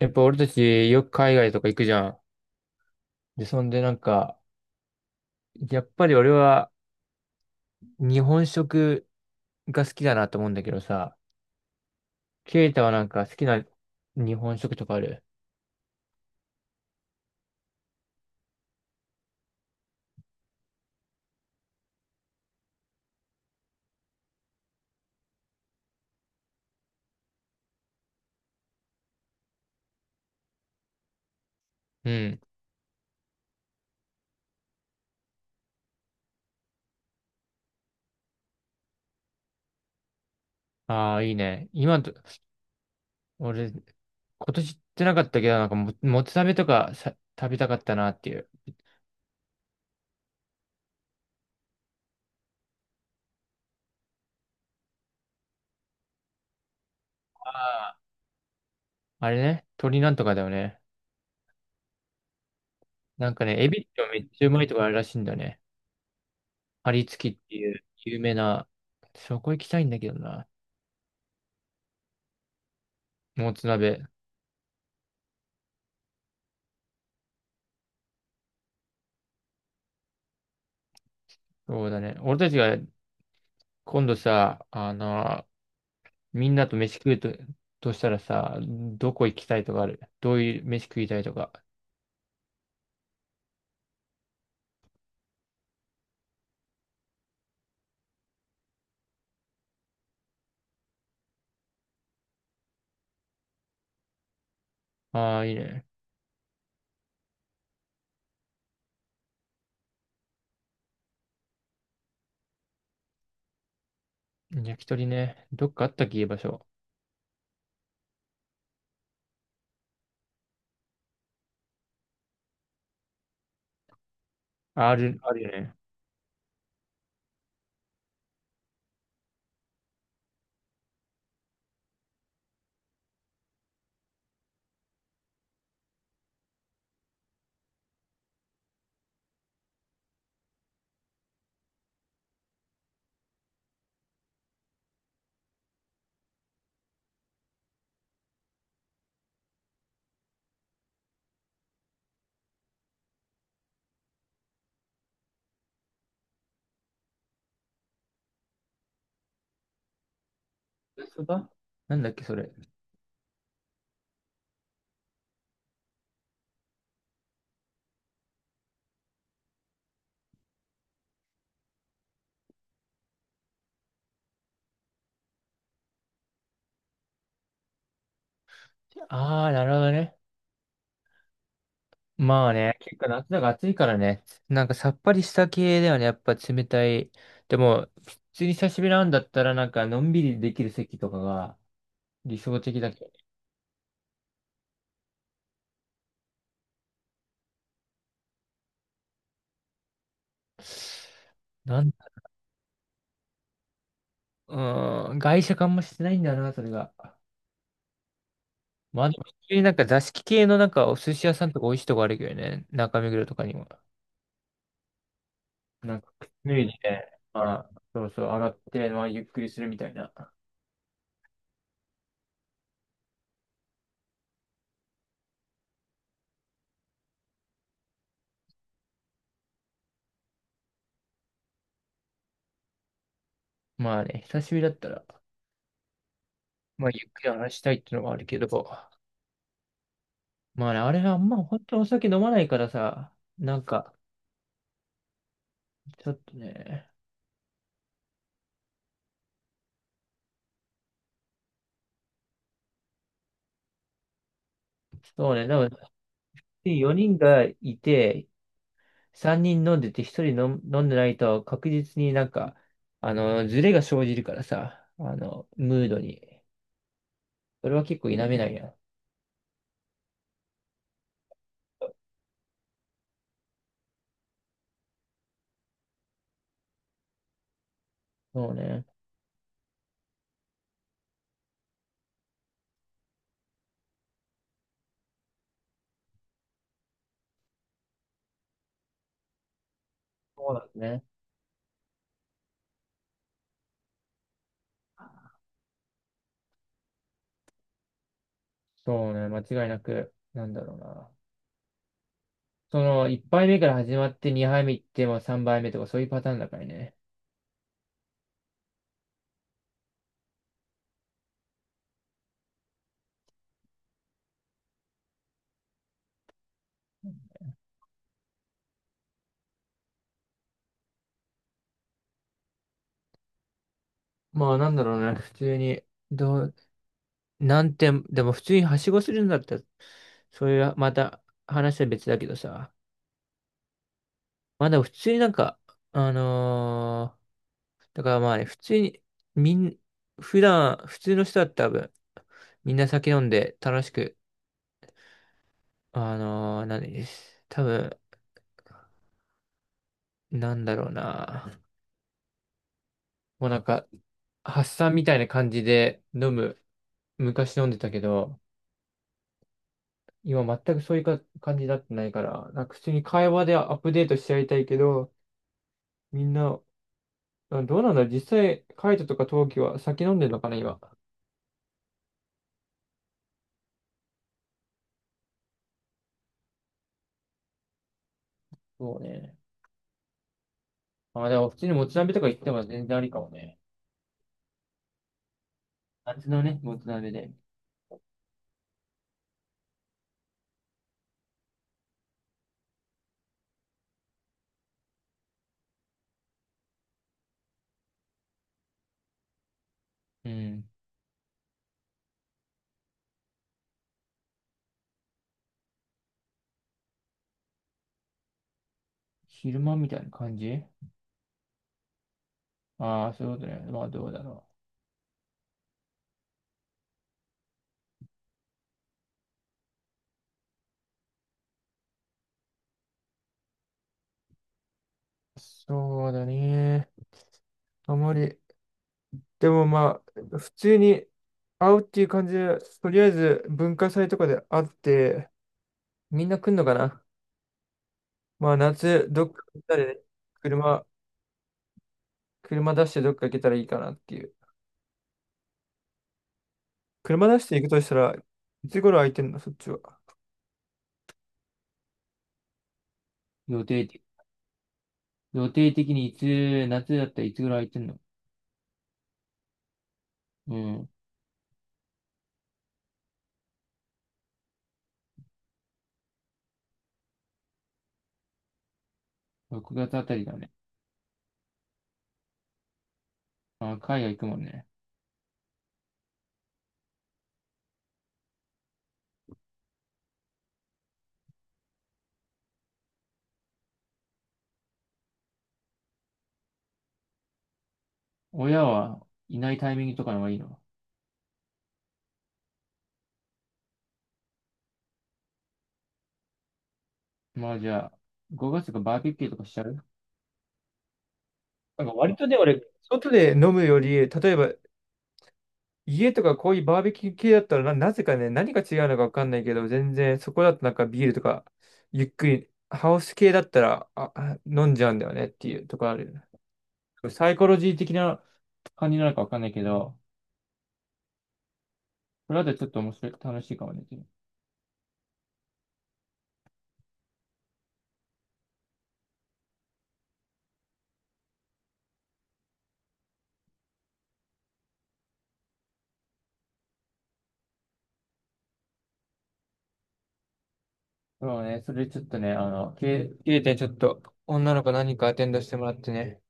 やっぱ俺たちよく海外とか行くじゃん。で、そんでなんか、やっぱり俺は日本食が好きだなと思うんだけどさ、ケイタはなんか好きな日本食とかある？うん。ああ、いいね。今と、俺、今年行ってなかったけど、もつ鍋とかさ、食べたかったなっていう。ああ。あれね、鶏なんとかだよね。なんかね、エビってめっちゃうまいとこあるらしいんだよね。張り付きっていう有名な、そこ行きたいんだけどな。もつ鍋。そうだね。俺たちが今度さ、みんなと飯食うと、としたらさ、どこ行きたいとかある？どういう飯食いたいとか。ああ、いいね。焼き鳥ね。どっかあったっけ、いい場所。ある、あるよね。焼きそば、なんだっけ、それ。ああ、なるほどね。まあね、結構夏だから暑いからね、なんかさっぱりした系だよね、やっぱ冷たい。でも、普通に久しぶりなんだったら、なんかのんびりできる席とかが理想的だけど。なん、うーん、外食あんましてないんだよな、それが。まあでも、普通になんか座敷系のなんかお寿司屋さんとか美味しいとこあるけどね、中目黒とかにも。なんか、くつ脱いでね、まあ、そうそう、上がって、まあ、ゆっくりするみたいな。まあね、久しぶりだったら、まあ、ゆっくり話したいっていうのはあるけど。まあね、あれはまあんま本当お酒飲まないからさ、なんか、ちょっとね、そうね、でも4人がいて、3人飲んでて1人飲ん飲んでないと確実になんか、あの、ズレが生じるからさ、あの、ムードに。それは結構否めないや。そうね。そうだね。そうね、間違いなく、なんだろうな。その、1杯目から始まって2杯目行っても3杯目とかそういうパターンだからね。まあなんだろうね、普通に、どう、なんて、でも普通にはしごするんだったら、そういう、また話は別だけどさ、まだ普通になんか、あのーだからまあね、普通に、みん、普段、普通の人だったら多分、みんな酒飲んで楽しく、何です。多分、なんだろうな。もうなんか、発散みたいな感じで飲む、昔飲んでたけど、今全くそういうか感じになってないから、なんか普通に会話でアップデートしちゃいたいけど、みんな、うん、どうなんだろう実際、カイトとか陶器は酒飲んでるのかな、今。そうね。あ、でも普通にもつ鍋とか行っても全然ありかもね。夏のね、もつ鍋で。うん。昼間みたいな感じ？ああー、そういうことね。まあどうだろう、そうだね。あまり。でもまあ、普通に会うっていう感じで、とりあえず文化祭とかで会って、みんな来んのかな？まあ夏、どっか行ったりね、車、車出してどっか行けたらいいかなっていう。車出して行くとしたら、いつ頃空いてんの、そっちは？予定的、予定的にいつ、夏だったらいつぐらい空いてんの？うん。6月あたりだね。あ、海外行くもんね。親はいないタイミングとかの方がいいの？まあじゃあ、5月とかバーベキューとかしちゃう？なんか割とね、俺、外で飲むより、例えば家とかこういうバーベキュー系だったらな、なぜかね、何が違うのかわかんないけど、全然そこだとなんかビールとか、ゆっくり、ハウス系だったら、あ飲んじゃうんだよねっていうとこある？サイコロジー的な感じなのかわかんないけど、これだとちょっと面白い、楽しいかもね。そうね、それちょっとね、あの、経経点ちょっと、女の子何人かアテンドしてもらってね、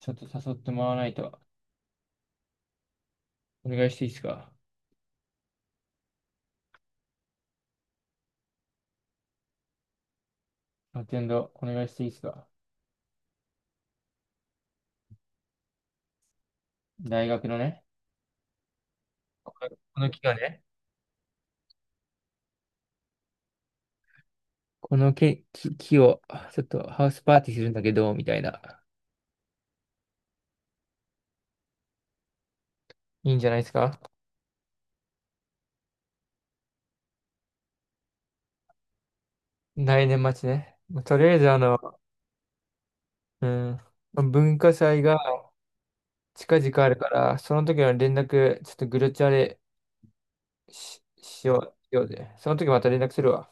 ちょっと誘ってもらわないと、お願いしていいですか？アテンド、お願いしていいですか？大学のね、このこの木がね、この木を、ちょっとハウスパーティーするんだけど、みたいな。いいんじゃないですか？来年末ね。まあとりあえず、あの、うん、文化祭が近々あるから、その時の連絡、ちょっとグループチャレ、しようぜ。その時また連絡するわ。